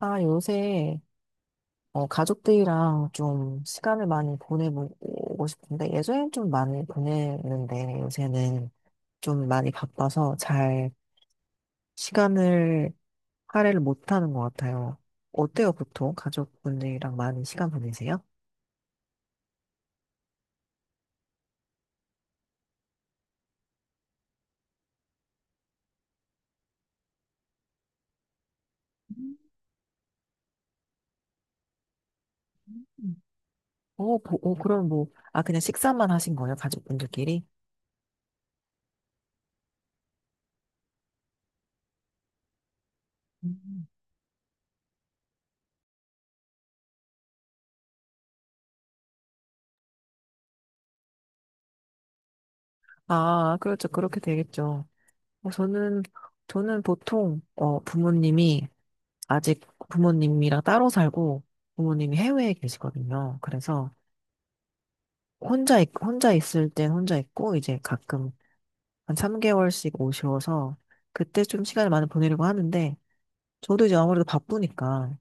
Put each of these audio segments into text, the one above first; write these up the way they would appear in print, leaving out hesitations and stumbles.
아, 요새 가족들이랑 좀 시간을 많이 보내보고 싶은데 예전엔 좀 많이 보냈는데 요새는 좀 많이 바빠서 잘 시간을 할애를 못하는 것 같아요. 어때요, 보통 가족분들이랑 많이 시간 보내세요? 음. 그럼 뭐, 아, 그냥 식사만 하신 거예요, 가족분들끼리? 음. 아, 그렇죠. 그렇게 되겠죠. 어, 저는, 저는 보통, 부모님이 아직 부모님이랑 따로 살고 부모님이 해외에 계시거든요. 그래서 혼자, 혼자 있을 땐 혼자 있고 이제 가끔 한 3개월씩 오셔서 그때 좀 시간을 많이 보내려고 하는데 저도 이제 아무래도 바쁘니까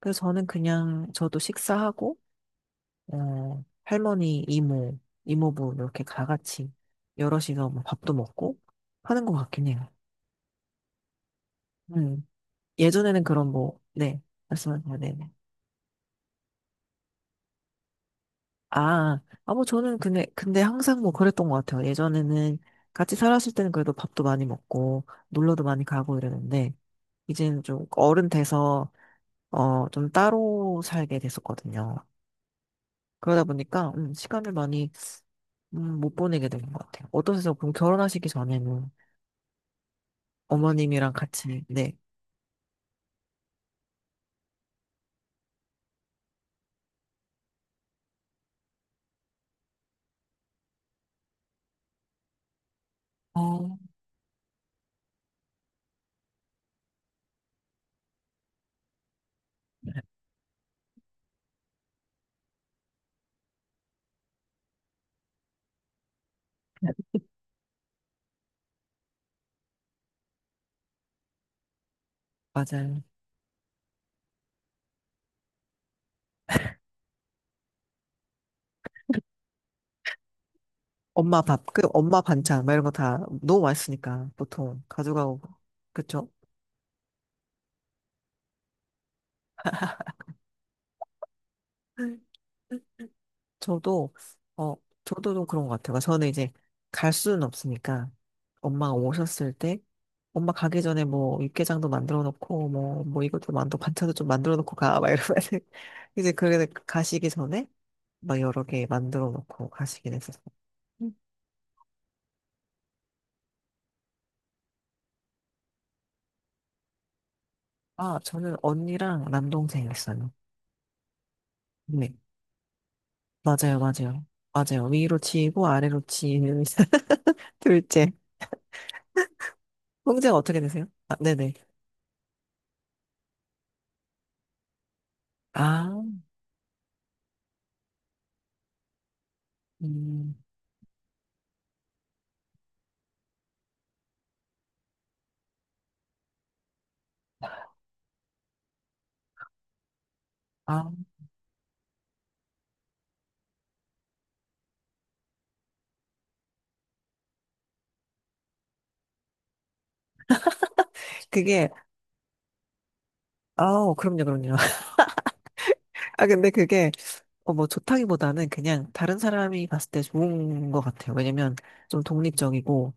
그래서 저는 그냥 저도 식사하고 할머니, 이모, 이모부 이렇게 다 같이 여럿이서 뭐 밥도 먹고 하는 것 같긴 해요. 음. 예전에는 그런 뭐, 네, 말씀하세요. 네. 아, 뭐 저는 근데 항상 뭐 그랬던 것 같아요. 예전에는 같이 살았을 때는 그래도 밥도 많이 먹고, 놀러도 많이 가고 이랬는데, 이제는 좀 어른 돼서, 좀 따로 살게 됐었거든요. 그러다 보니까, 시간을 많이, 못 보내게 된 것 같아요. 어떠세요? 그럼 결혼하시기 전에는 어머님이랑 같이, 네. 어, 맞아요. 엄마 밥, 그 엄마 반찬, 막 이런 거 다 너무 맛있으니까, 보통 가져가고, 그쵸? 저도, 어, 저도 좀 그런 것 같아요. 그러니까 저는 이제 갈 수는 없으니까 엄마가 오셨을 때 엄마 가기 전에 뭐 육개장도 만들어 놓고 뭐, 뭐 이것도 만들어, 반찬도 좀 만들어 놓고 가, 막 이러면 이제 그래 가시기 전에 막 여러 개 만들어 놓고 가시긴 했었어요. 음. 아, 저는 언니랑 남동생 있어요. 네. 맞아요, 맞아요. 맞아요. 위로 치이고 아래로 치이는 둘째. 형제가 어떻게 되세요? 아, 네네. 아, 음, 아. 그게 아, 그럼요, 그럼요. 아, 근데 그게, 뭐, 좋다기보다는 그냥 다른 사람이 봤을 때 좋은 것 같아요. 왜냐면, 좀 독립적이고,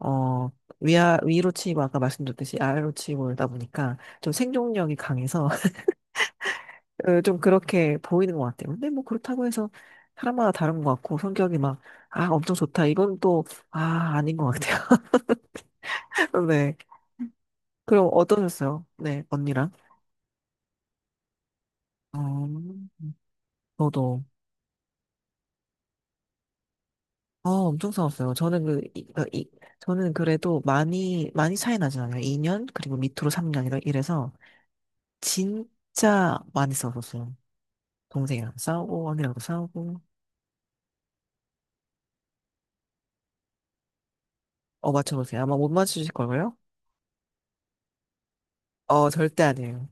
어, 위로 치고, 아까 말씀드렸듯이 아래로 치고 이러다 보니까, 좀 생존력이 강해서, 좀 그렇게 보이는 것 같아요. 근데 뭐, 그렇다고 해서, 사람마다 다른 것 같고, 성격이 막, 아, 엄청 좋다. 이건 또, 아, 아닌 것 같아요. 네. 그럼 어떠셨어요? 네, 언니랑? 어, 저도. 아, 엄청 싸웠어요. 저는 그, 이, 어, 이- 저는 그래도 많이, 많이 차이 나진 않아요. 2년, 그리고 밑으로 3년, 이래서, 진짜 많이 싸웠었어요. 동생이랑 싸우고, 언니랑도 싸우고. 맞춰보세요. 아마 못 맞추실 걸요? 절대 아니에요.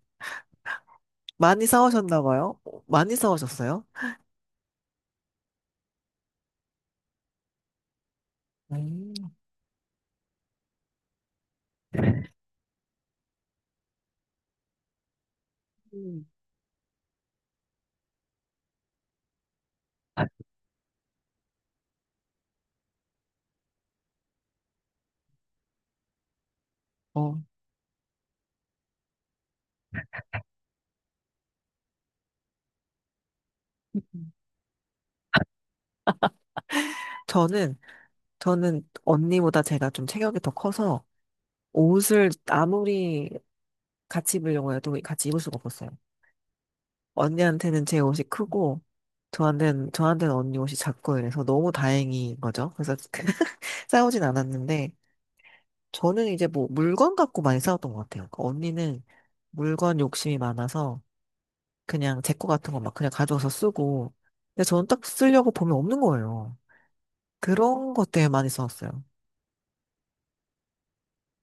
많이 싸우셨나 봐요? 많이 싸우셨어요? 음, 음. 어. 저는, 저는 언니보다 제가 좀 체격이 더 커서, 옷을 아무리 같이 입으려고 해도 같이 입을 수가 없었어요. 언니한테는 제 옷이 크고 저한테는 언니 옷이 작고 이래서 너무 다행인 거죠. 그래서 싸우진 않았는데 저는 이제 뭐 물건 갖고 많이 싸웠던 것 같아요. 그러니까 언니는 물건 욕심이 많아서 그냥 제 거 같은 거 막 그냥 가져와서 쓰고 근데 저는 딱 쓰려고 보면 없는 거예요. 그런 것 때문에 많이 싸웠어요.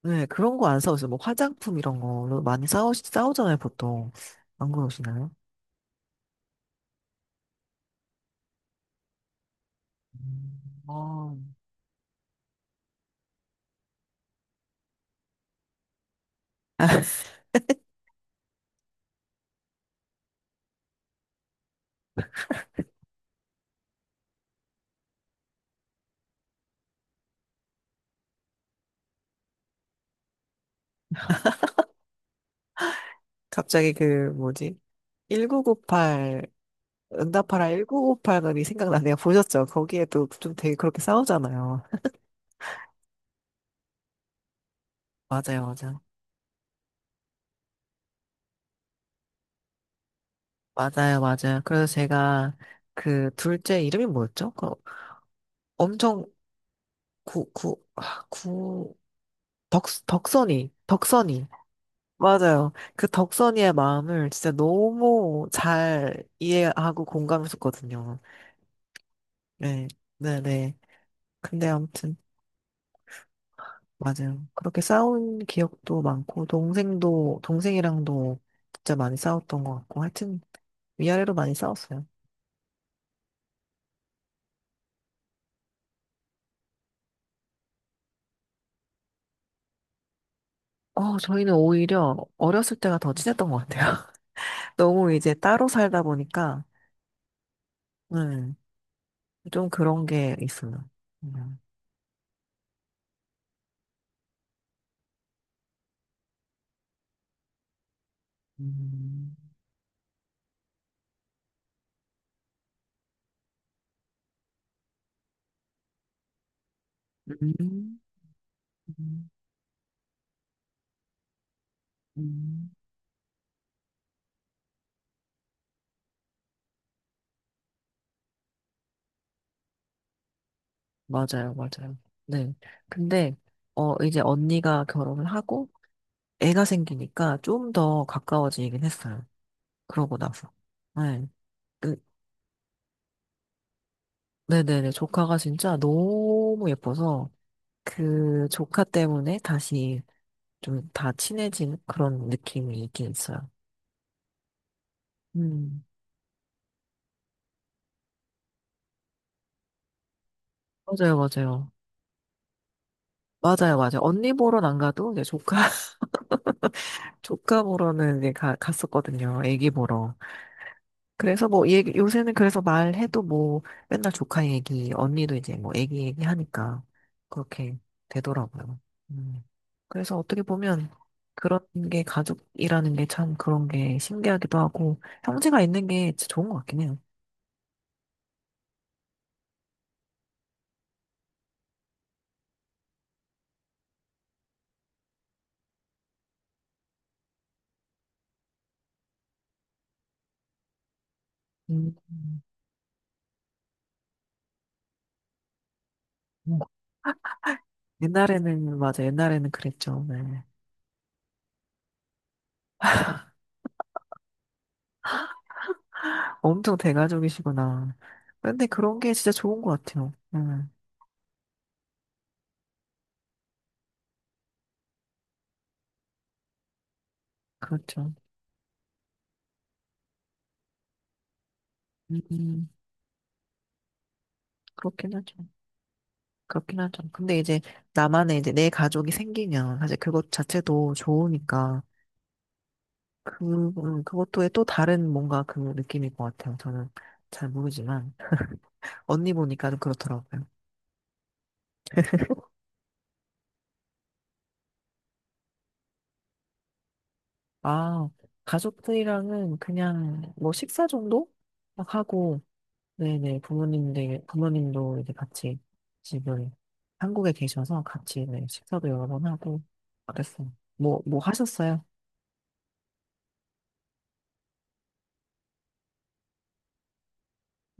네, 그런 거 안 싸웠어요. 뭐 화장품 이런 걸로 많이 싸우잖아요, 보통. 안 그러시나요? 음. 어. 갑자기 그 뭐지? 1998 응답하라 1958이 생각나네요. 보셨죠? 거기에도 좀 되게 그렇게 싸우잖아요. 맞아요, 맞아요. 맞아요, 맞아요. 그래서 제가 그 둘째 이름이 뭐였죠? 그 엄청 구, 구, 아, 구, 덕, 덕선이, 덕선이. 맞아요. 그 덕선이의 마음을 진짜 너무 잘 이해하고 공감했었거든요. 네, 네, 네. 근데 아무튼. 맞아요. 그렇게 싸운 기억도 많고, 동생이랑도 진짜 많이 싸웠던 것 같고, 하여튼 위아래로 많이 싸웠어요. 저희는 오히려 어렸을 때가 더 친했던 것 같아요. 너무 이제 따로 살다 보니까, 음, 좀 그런 게 있어요. 음, 음, 음, 음, 음. 맞아요, 맞아요. 네. 근데, 이제 언니가 결혼을 하고, 애가 생기니까 좀 더 가까워지긴 했어요. 그러고 나서. 네. 그 네네네. 조카가 진짜 너무 예뻐서 그 조카 때문에 다시 좀 다 친해진 그런 느낌이 있긴 있어요. 음. 맞아요, 맞아요. 맞아요, 맞아요. 언니 보러는 안 가도 이제 조카, 조카 보러는 이제 갔었거든요. 애기 보러. 그래서 뭐 얘기, 요새는 그래서 말해도 뭐 맨날 조카 얘기, 언니도 이제 뭐 애기 얘기 하니까 그렇게 되더라고요. 음. 그래서 어떻게 보면 그런 게 가족이라는 게 참 그런 게 신기하기도 하고 형제가 있는 게 진짜 좋은 것 같긴 해요. 음. 음. 옛날에는 맞아 옛날에는 그랬죠. 네. 엄청 대가족이시구나. 근데 그런 게 진짜 좋은 것 같아요. 그렇죠. 음, 음, 그렇긴 하죠. 그렇긴 하죠. 근데 이제 나만의 이제 내 가족이 생기면 사실 그것 자체도 좋으니까 그, 그것도의 또 다른 뭔가 그 느낌일 것 같아요. 저는 잘 모르지만 언니 보니까 좀 그렇더라고요. 아, 가족들이랑은 그냥 뭐 식사 정도 막 하고 네네 부모님들 부모님도 이제 같이 지금 한국에 계셔서 같이 네, 식사도 여러 번 하고 그랬어요. 뭐 하셨어요?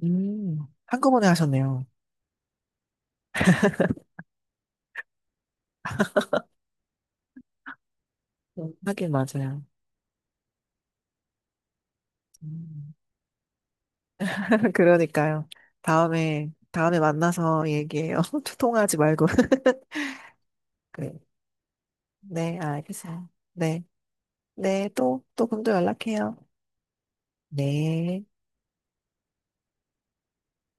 한꺼번에 하셨네요. 하긴 맞아요. 음. 그러니까요. 다음에, 다음에 만나서 얘기해요. 통화하지 말고. 네, 네, 알겠어요. 네, 네, 또, 또 그럼 또 연락해요. 네.